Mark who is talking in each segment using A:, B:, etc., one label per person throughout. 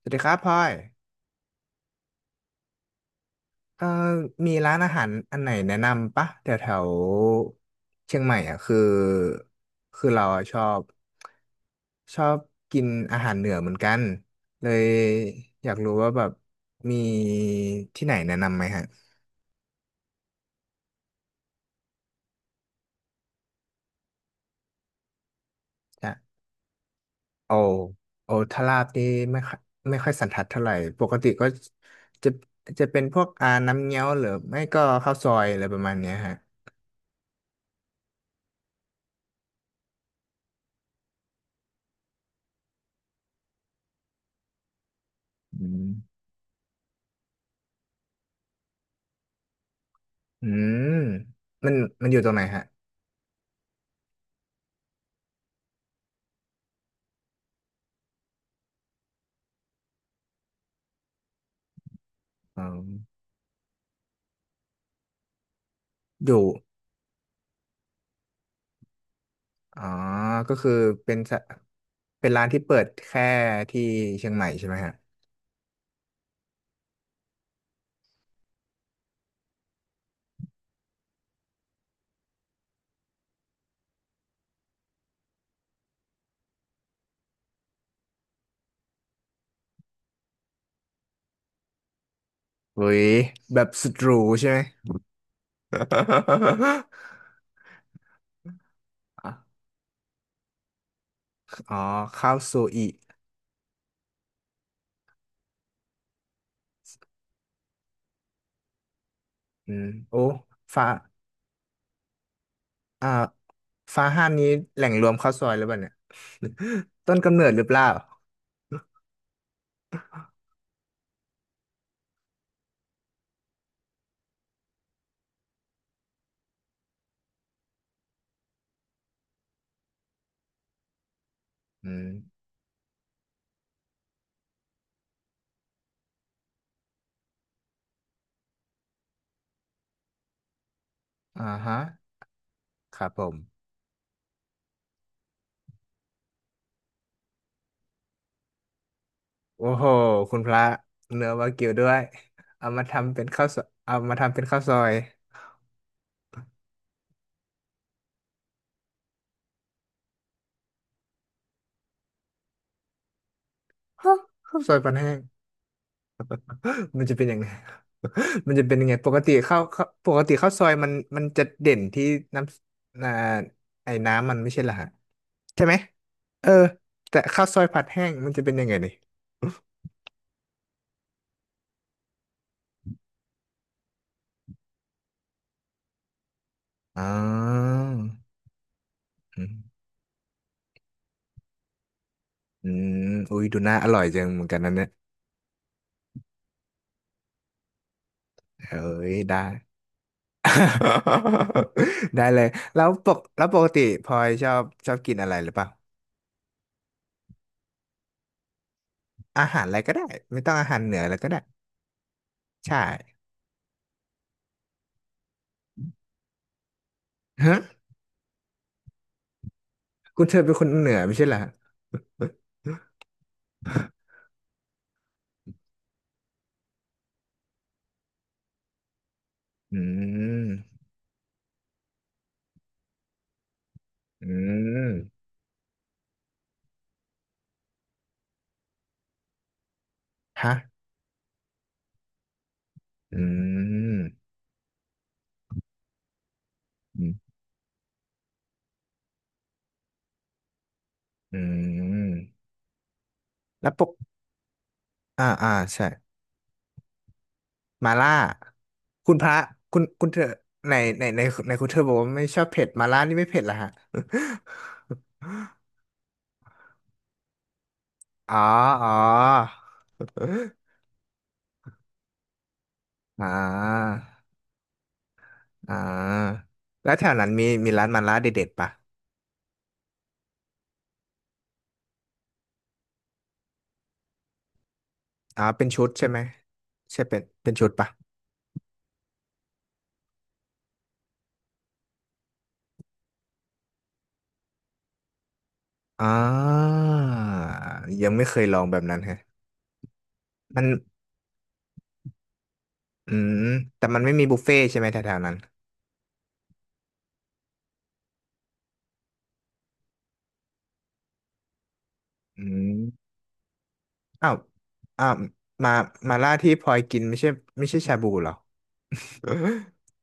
A: สวัสดีครับพลอยเอ่อมีร้านอาหารอันไหนแนะนำปะแถวแถวเชียงใหม่อ่ะคือเราอะชอบกินอาหารเหนือเหมือนกันเลยอยากรู้ว่าแบบมีที่ไหนแนะนำไหมฮะจ้ะโอโอทาราบนี่ไม่ค่อยไม่ค่อยสันทัดเท่าไหร่ปกติก็จะจะเป็นพวกอาน้ำเงี้ยวหรือไม่ก็ข้าวซอยอะไรประมาณเนี้ยฮะอืมอืมมันมันอยู่ตรงไหนฮะ อ๋ออยู่อ๋อก็คือเป็นสะเป็นร้านที่เปิดแค่ที่เชียงใหม่ใช่ไหมฮะเว้ยแบบสุดหรูใช่ไหม อะอ๋อข้าวซูอิอืมโอ้ฟ้าอ่าฟ้าห้ามนี้แหล่งรวมข้าวซอยหรือเปล่าเนี่ย ต้นกำเนิดหรือเปล่าอืมอ่าฮะครับผมโอ้โหคุณพระเนื้อวากิวด้วยเอามาทำเป็นข้าวซอยเอามาทำเป็นข้าวซอยฮะข้าวซอยปันแห้ง มันจะเป็นยังไง มันจะเป็นยังไงปกติข้าวซอยมันจะเด่นที่น้ำอ่าไอ้น้ำมันไม่ใช่เหรอฮะใช่ไหมเออแต่ข้าวซอยผัดแห้งมันจะเป็นยังไงนี่ อ๋ออืมอืมอุ้ยดูน่าอร่อยจังเหมือนกันนะเนี่ยเอ้ยได้ ได้เลยแล้วปกติพลอยชอบกินอะไรหรือเปล่าอาหารอะไรก็ได้ไม่ต้องอาหารเหนืออะไรก็ได้ใช่ฮะคุณเธอเป็นคนเหนือไม่ใช่เหรอ อืมอืมฮะอืมอืมอืมแล้วปกอ่าอ่าใช่มาล่าคุณพระคุณคุณเธอในในในคุณเธอบอกว่าไม่ชอบเผ็ดมาล่านี่ไม่เผ็ดเหรอฮะ อ๋ออ๋ออ่าอ่าแล้วแถวนั้นมีมีร้านมาล่าเด็ดๆปะอ๋อเป็นชุดใช่ไหมใช่เป็นเป็นชุดปะอ่ายังไม่เคยลองแบบนั้นแฮะมัน อืมแต่มันไม่มีบุฟเฟ่ต์ใช่ไหมแถวๆนั้นอืมอ้าวอ้าวมามาล่าที่พลอยกินไม่ใช่ไม่ใช่ชาบูเหรอ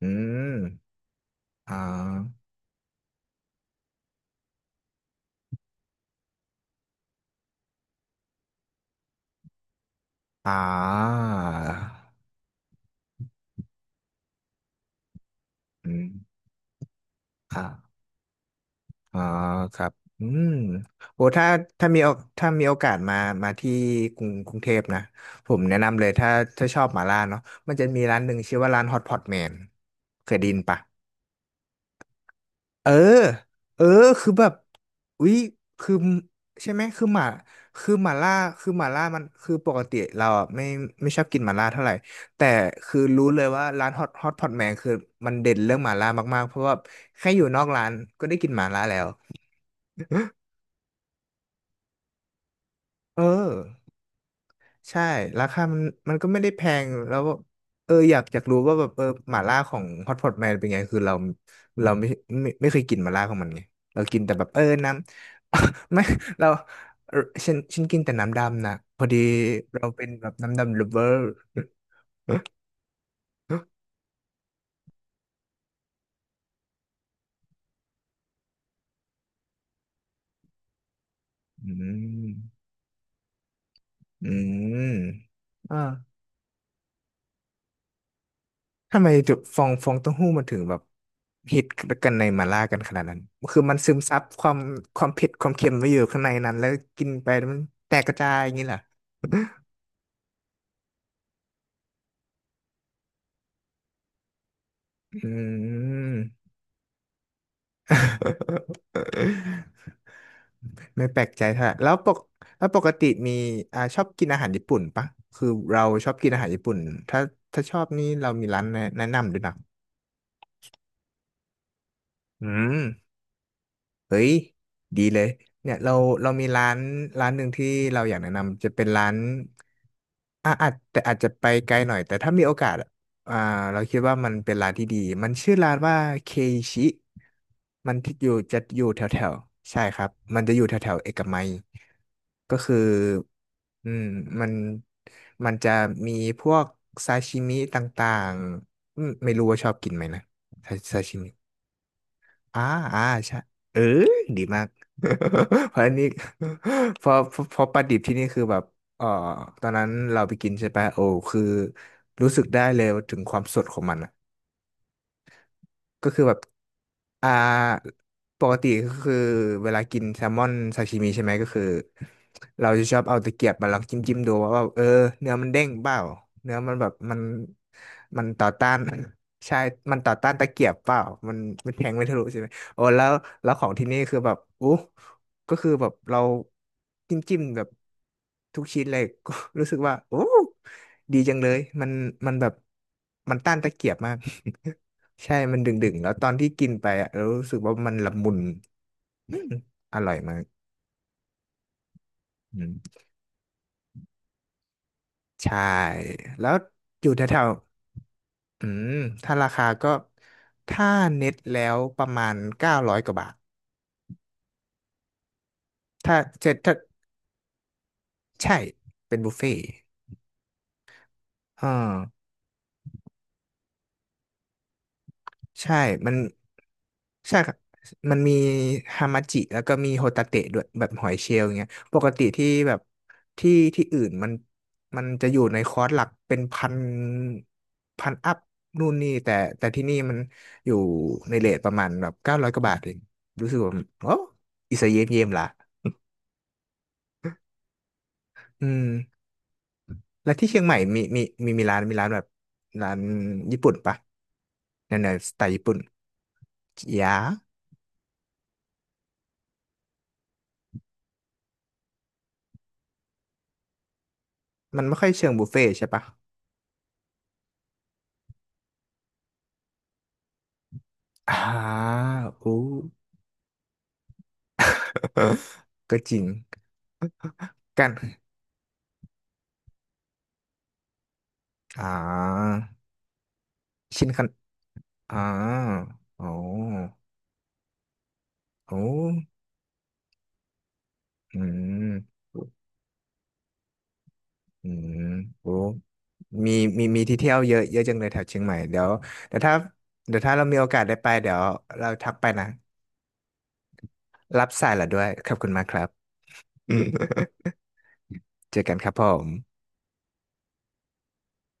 A: อืมอ่าอ่าอืมอ่าอ่าครับอืมโอ้ถ้าถ้ามีโอถ้ามีโอกาสมามาที่กรุงเทพนะผมแนะนำเลยถ้าถ้าชอบหมาล่าเนาะมันจะมีร้านหนึ่งชื่อว่าร้านฮอตพอตแมนเคยได้ยินปะ เออ เออ คือแบบอุ๊ยคือใช่ไหม คือหมาคือหมาล่า คือหมาล่ามันคือปกติเราอ่ะไม่ไม่ชอบกินหมาล่าเท่าไหร่ แต่คือรู้เลยว่าร้านฮอตพอตแมนคือมันเด่นเรื่องหมาล่ามากๆเพราะว่าแค่อยู่นอกร้านก็ได้กินหมาล่าแล้วเออ ใช่ราคามันก็ไม่ได้แพงแล้วแบบเอออยากรู้ว่าแบบเออหม่าล่าของฮอตพอตแมนเป็นไงคือเราเราไม่ไม่เคยกินหม่าล่าของมันไงเรากินแต่แบบเออน้ำ ไม่เราเออฉันกินแต่น้ำดำนะพอดีเราเป็นแบบน้ำดำ lover อืมอืมอ่า ทำไมจุดฟองเต้าหู้มันถึงแบบฮิตกันในมาล่ากันขนาดนั้นคือมันซึมซับความความเผ็ดความเค็มไว้อยู่ข้างในนั้นแล้วกินไปมันแตกกระจายอย่างนี้เหรออืม ไม่แปลกใจเท่าไหร่แล้วปกติมีอ่าชอบกินอาหารญี่ปุ่นปะคือเราชอบกินอาหารญี่ปุ่นถ้าถ้าชอบนี่เรามีร้านแนะนำด้วยนะอืมเฮ้ยดีเลยเนี่ยเราเรามีร้านร้านหนึ่งที่เราอยากแนะนำจะเป็นร้าน อ่าอาจแต่อาจจะไปไกลหน่อยแต่ถ้ามีโอกาสอะอ่าเราคิดว่ามันเป็นร้านที่ดีมันชื่อร้านว่าเคชิมันที่อยู่จะอยู่แถวแถวใช่ครับมันจะอยู่แถวแถวเอกมัยก็คืออืมมันจะมีพวกซาชิมิต่างๆอืมไม่รู้ว่าชอบกินไหมนะซาชิมิ อ่าอ่าใช่เออดีมาก เพราะอันนี้ พอพอพอปลาดิบที่นี่คือแบบเออตอนนั้นเราไปกินใช่ปะโอ้ คือรู้สึกได้เลยถึงความสดของมัน ก็คือแบบอ่าปกติก็คือเวลากินแซลมอนซาชิมิใช่ไหมก็คือเราจะชอบเอาตะเกียบมาลองจิ้มจิ้มดูว่าแบบเออเนื้อมันเด้งเปล่าเนื้อมันแบบมันมันต่อต้านใช่มันต่อต้านตะเกียบเปล่ามันแทงไม่ทะลุใช่ไหมโอ้แล้วของที่นี่คือแบบอู้ก็คือแบบเราจิ้มจิ้มแบบทุกชิ้นเลย ก็รู้สึกว่าโอ้ดีจังเลยมันแบบมันต้านตะเกียบมาก ใช่ มันดึงๆ แล้วตอนที่กินไปอ่ะเรารู้สึกว่ามันละมุน อืมอร่อยมากอืมใช่ แล้วอยู่แถวๆอืมถ้าราคาก็ ถ้าเน็ตแล้วประมาณเก้าร้อยกว่าบาทถ้าเจ็ดถ้าใช่เป็นบุฟเฟ่ต์อ่า ใช่มันใช่ครับมันมีฮามาจิแล้วก็มีโฮตาเตะด้วยแบบหอยเชลล์อย่างเงี้ยปกติที่แบบที่อื่นมันจะอยู่ในคอร์สหลักเป็นพันพันอัพนู่นนี่แต่ที่นี่มันอยู่ในเรทประมาณแบบเก้าร้อยกว่าบาทเองรู้สึกว่าโอ้อิสเยมเยมละอืมแล้วที่เชียงใหม่มีมีมีมีร้านมีร้านแบบร้านญี่ปุ่นปะแนวแนวสไตล์ญี่ปุ่นยามันไม่ค่อยเชิงบุฟเฟ่ต์ใช่ปะ อ่าอู้ ก็จริงกันอ่าชินคันอ่าโอ้โอ้อืมอืมโอ้มีมีมีที่เที่ยวเยอะเยอะจังเลยแถวเชียงใหม่เดี๋ยวเดี๋ยวถ้าเดี๋ยวถ้าเรามีโอกาสได้ไปเดี๋ยวเราทักไปนะ รับสายละด้วยขอบคุณมากครับ อืมเจอกันครับผม